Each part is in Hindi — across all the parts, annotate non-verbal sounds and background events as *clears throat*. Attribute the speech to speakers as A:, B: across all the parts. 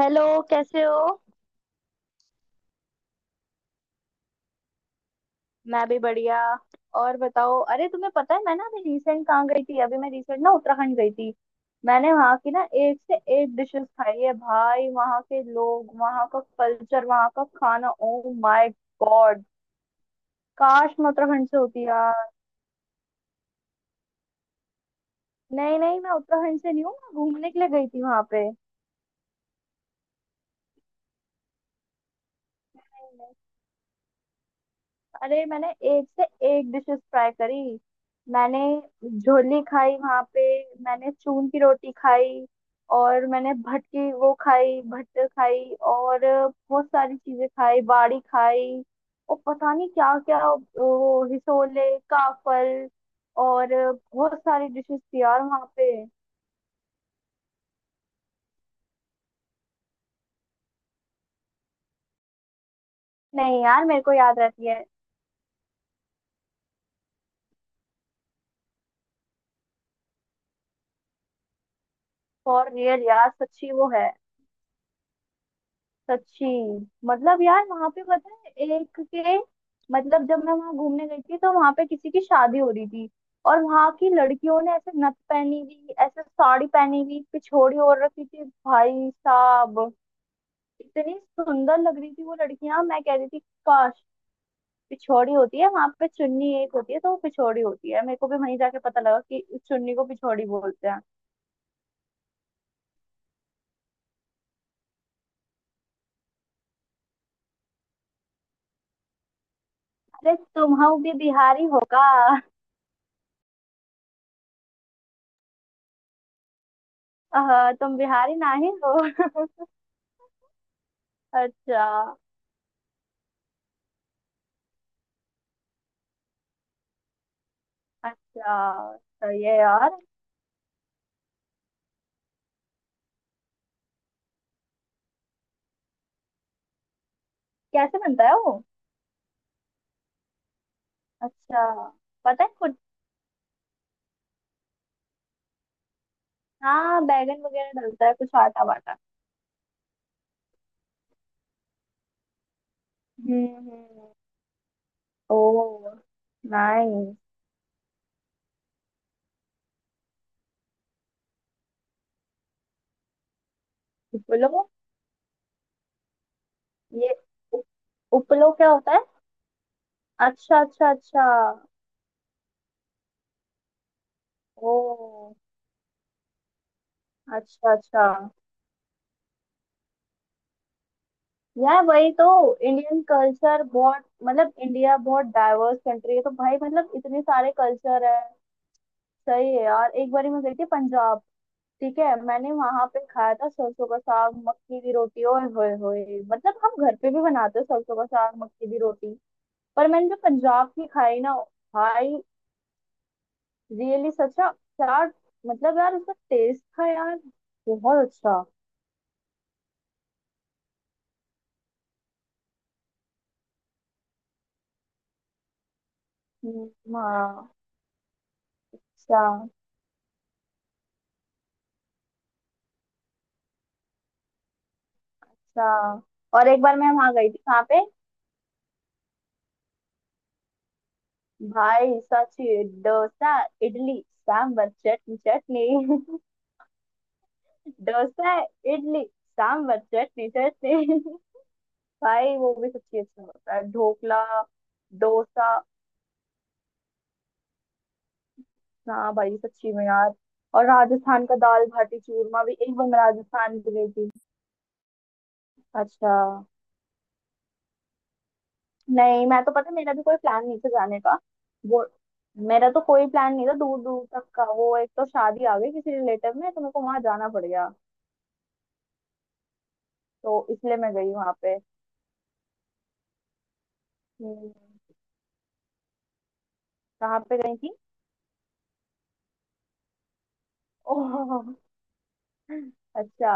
A: हेलो। कैसे हो? मैं भी बढ़िया। और बताओ, अरे तुम्हें पता है, मैं ना अभी रिसेंट कहाँ गई थी? अभी मैं रिसेंट ना उत्तराखंड गई थी। मैंने वहाँ की ना एक से एक डिशेस खाई है। भाई, वहाँ के लोग, वहाँ का कल्चर, वहाँ का खाना, ओ माय गॉड। काश मैं उत्तराखंड से होती यार। नहीं नहीं, मैं उत्तराखंड से नहीं हूँ। मैं घूमने के लिए गई थी वहाँ पे। अरे मैंने एक से एक डिशेस ट्राई करी। मैंने झोली खाई वहां पे। मैंने चून की रोटी खाई। और मैंने भट की वो खाई, भट्ट खाई। और बहुत सारी चीजें खाई, बाड़ी खाई। और पता नहीं क्या क्या, वो हिसोले, काफल, और बहुत सारी डिशेस थी यार वहां पे। नहीं यार, मेरे को याद रहती है। फॉर रियल यार, सच्ची वो है। सच्ची। मतलब यार, वहां पे पता है, एक के मतलब जब मैं वहां घूमने गई थी तो वहां पे किसी की शादी हो रही थी। और वहां की लड़कियों ने ऐसे नथ पहनी हुई, ऐसे साड़ी पहनी हुई, पिछोड़ी ओढ़ रखी थी भाई साहब। इतनी सुंदर लग रही थी वो लड़कियां, मैं कह रही थी काश। पिछोड़ी होती है वहां पे, चुन्नी एक होती है, तो वो पिछोड़ी होती है। मेरे को भी वहीं जाके पता लगा कि इस चुन्नी को पिछोड़ी बोलते हैं। अरे तुम भी बिहारी होगा। *laughs* आहा, तुम बिहारी नहीं हो? *laughs* अच्छा। अच्छा, सही है यार। कैसे बनता है वो? अच्छा, पता है कुछ? हाँ, बैगन वगैरह डलता है, कुछ आटा वाटा। हम्म। ओ नाइस। उपलो ये, उ- उपलो क्या होता है? अच्छा अच्छा अच्छा। ओ। अच्छा अच्छा। यार वही तो। इंडियन कल्चर बहुत, मतलब, इंडिया बहुत डाइवर्स कंट्री है तो भाई मतलब इतने सारे कल्चर है। सही है यार, एक बारी मैं गई थी पंजाब। ठीक है, मैंने वहां पे खाया था सरसों का साग मक्की की रोटी, और होए होए मतलब हम घर पे भी बनाते हैं सरसों का साग मक्की की रोटी। पर मैंने जो पंजाब की खाई ना, भाई, रियली सच्चा क्या! मतलब यार, उसका टेस्ट था यार, बहुत अच्छा। हाँ। अच्छा अच्छा। और एक बार मैं वहां गई थी कहाँ पे। भाई सच। डोसा, इडली, सांबर, चटनी चटनी। *laughs* डोसा, इडली, सांबर, चटनी चटनी। *laughs* भाई वो भी सच्ची अच्छा होता है, ढोकला, डोसा। हाँ भाई, सच्ची में यार। और राजस्थान का दाल बाटी चूरमा भी, एक बार मैं राजस्थान भी गई थी। अच्छा। नहीं, मैं तो पता है, मेरा भी कोई प्लान नहीं था जाने का। वो, मेरा तो कोई प्लान नहीं था दूर दूर तक का, वो एक तो शादी आ गई किसी रिलेटिव में तो मेरे को वहां जाना पड़ गया। तो इसलिए मैं गई वहां पे। हम्म, कहाँ पे गई थी? ओह। अच्छा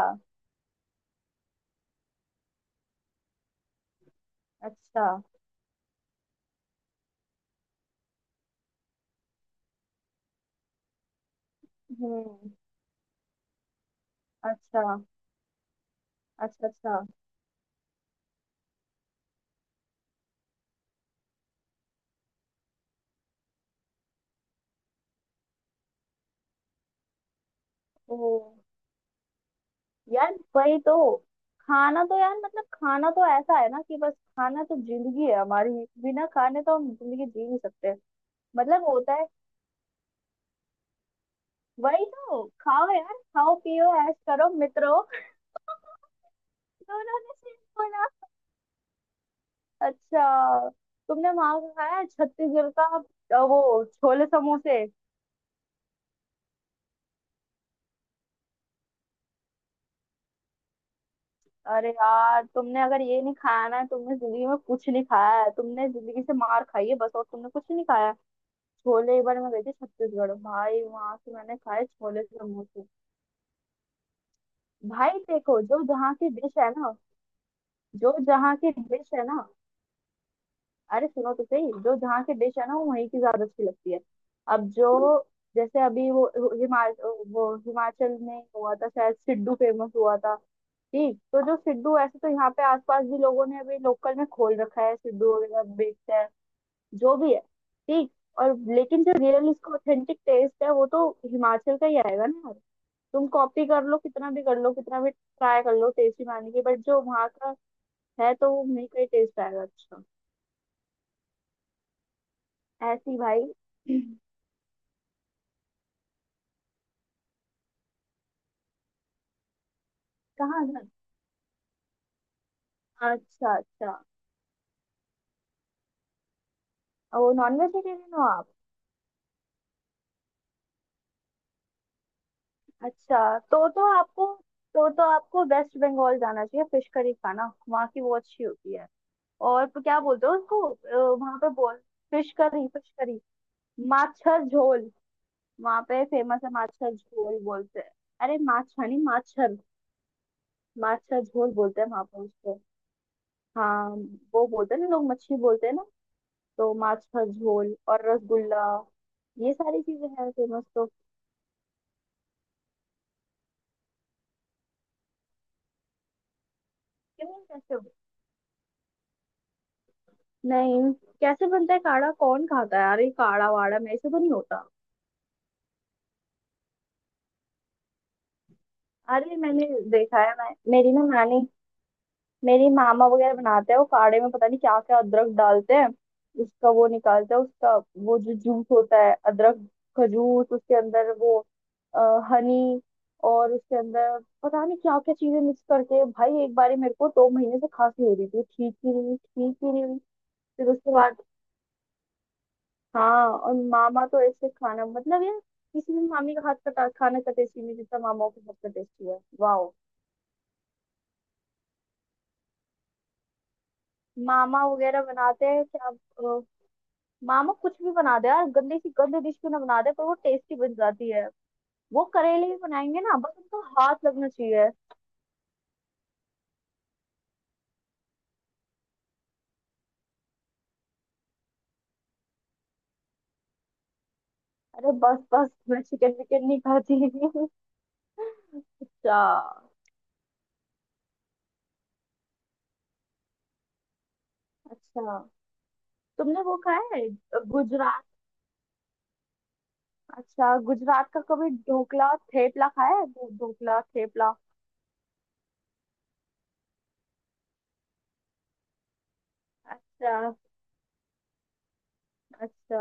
A: अच्छा। हम्म। अच्छा अच्छा अच्छा। ओह। यार वही तो। खाना तो यार, मतलब खाना तो ऐसा है ना कि बस खाना तो जिंदगी है हमारी। बिना खाने तो हम जिंदगी जी नहीं सकते। मतलब होता है। वही तो, खाओ यार, खाओ पियो ऐश करो मित्रों। *laughs* दोनों ने सेम बोला। अच्छा, तुमने वहां का खाया है छत्तीसगढ़ का? वो छोले समोसे। अरे यार, तुमने अगर ये नहीं खाया ना, तुमने जिंदगी में कुछ नहीं खाया है, तुमने जिंदगी से मार खाई है बस, और तुमने कुछ नहीं खाया है। छोले एक बार मैं गई थी छत्तीसगढ़, भाई वहां से मैंने खाए छोले समोसे। भाई देखो, जो जहाँ की डिश है ना, जो जहाँ की डिश है ना। अरे सुनो तो सही, जो जहाँ की डिश है ना, वो वहीं की ज्यादा अच्छी लगती है। अब जो, जैसे अभी वो हिमाचल में हुआ था शायद, सिड्डू फेमस हुआ था। ठीक, तो जो सिड्डू ऐसे तो यहाँ पे आसपास भी, लोगों ने अभी लोकल में खोल रखा है, सिड्डू वगैरह बेचते हैं। जो भी है। ठीक। और लेकिन जो रियल इसका ऑथेंटिक टेस्ट है, वो तो हिमाचल का ही आएगा ना यार। तुम कॉपी कर लो कितना भी कर लो, कितना भी ट्राई कर लो टेस्टी बनाने की, बट जो वहाँ का है तो वो नहीं कहीं टेस्ट आएगा। अच्छा। ऐसी भाई। *clears throat* कहाँ घर? अच्छा अच्छा। वो नॉन वेजिटेरियन हो आप? अच्छा, तो आपको, तो आपको वेस्ट बंगाल जाना चाहिए, फिश करी खाना वहाँ की, वो अच्छी होती है। और क्या बोलते हो उसको, वहाँ पे बोल। Fish curry, fish curry. Macher jhol, वहाँ पे फेमस है, माछर झोल बोलते हैं। अरे माछा नहीं, माछर। माछ का झोल बोलते हैं वहां पर उसको। हाँ। वो बोलते हैं ना, लोग मछली बोलते हैं ना। तो माछ का झोल और रसगुल्ला, ये सारी चीजें हैं फेमस तो। क्यों? कैसे हो? नहीं। कैसे बनता है काढ़ा? कौन खाता है? अरे काढ़ा वाड़ा मेरे से तो नहीं होता। अरे मैंने देखा है, मैं मेरी ना नानी, मेरी मामा वगैरह बनाते हैं, वो काढ़े में पता नहीं क्या क्या, अदरक डालते हैं, उसका वो निकालते हैं उसका, वो जो जूस होता है, अदरक का जूस उसके अंदर, वो हनी, और उसके अंदर पता नहीं क्या क्या चीजें मिक्स करके, भाई एक बार मेरे को 2 महीने से खांसी हो रही थी, ठीक ही नहीं हुई, ठीक ही नहीं हुई। फिर उसके बाद, हाँ, और मामा तो ऐसे खाना मतलब यार, किसी भी मामी का हाथ का खाना का टेस्टी नहीं जितना मामाओं के हाथ का टेस्टी है, वाह। मामा वगैरह बनाते हैं क्या? मामा कुछ भी बना दे यार, गंदी सी गंदी डिश क्यों ना बना दे, पर वो टेस्टी बन जाती है। वो करेले भी बनाएंगे ना, बस उनका हाथ लगना चाहिए। अरे बस बस, मैं चिकन विकन नहीं खाती। *laughs* अच्छा अच्छा, तुमने वो खाया है, गुजरात? अच्छा, गुजरात का कभी ढोकला और थेपला खाया है? ढोकला थेपला। अच्छा अच्छा।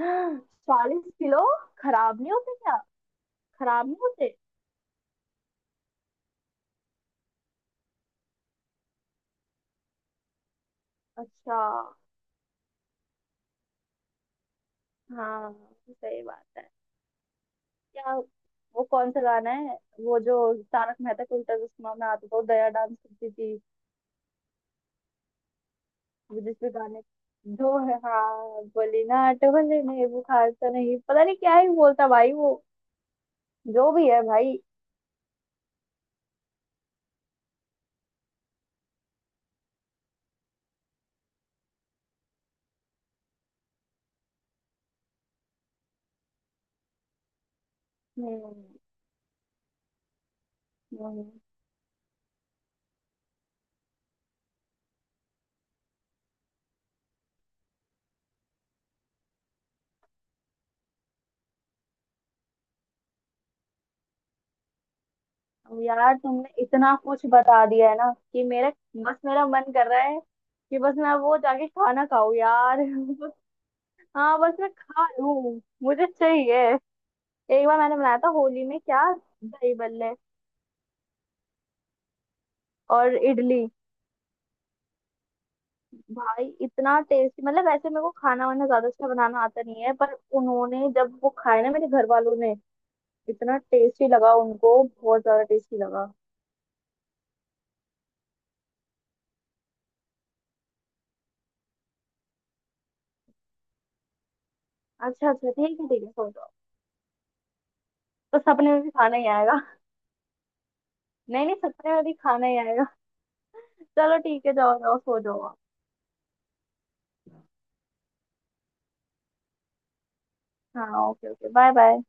A: 40 किलो? खराब नहीं होते क्या? खराब नहीं होते? अच्छा। हाँ, सही बात है। क्या? वो कौन सा गाना है? वो जो तारक मेहता का उल्टा चश्मा में आता था, वो दया डांस करती थी। वो जिसपे गाने, जो है, हाँ, बोली ना टोले ने बुखार, तो नहीं पता नहीं क्या ही बोलता भाई वो। जो भी है भाई। हम्म हम्म। अब यार तुमने इतना कुछ बता दिया है ना कि मेरा, बस मेरा मन कर रहा है कि बस मैं वो जाके खाना खाऊं यार। *laughs* हाँ बस मैं खा लूं, मुझे चाहिए। एक बार मैंने बनाया था होली में, क्या, दही बल्ले और इडली। भाई इतना टेस्टी, मतलब वैसे मेरे को खाना वाना ज्यादा अच्छा बनाना आता नहीं है, पर उन्होंने जब वो खाया ना, मेरे घर वालों ने, इतना टेस्टी लगा उनको, बहुत ज्यादा टेस्टी लगा। अच्छा अच्छा, ठीक है ठीक है, सो जाओ। तो सपने में भी खाना ही आएगा। *laughs* नहीं नहीं, सपने में भी खाना ही आएगा। चलो ठीक है, जाओ जाओ सो जाओ आप। हाँ ओके ओके, बाय बाय।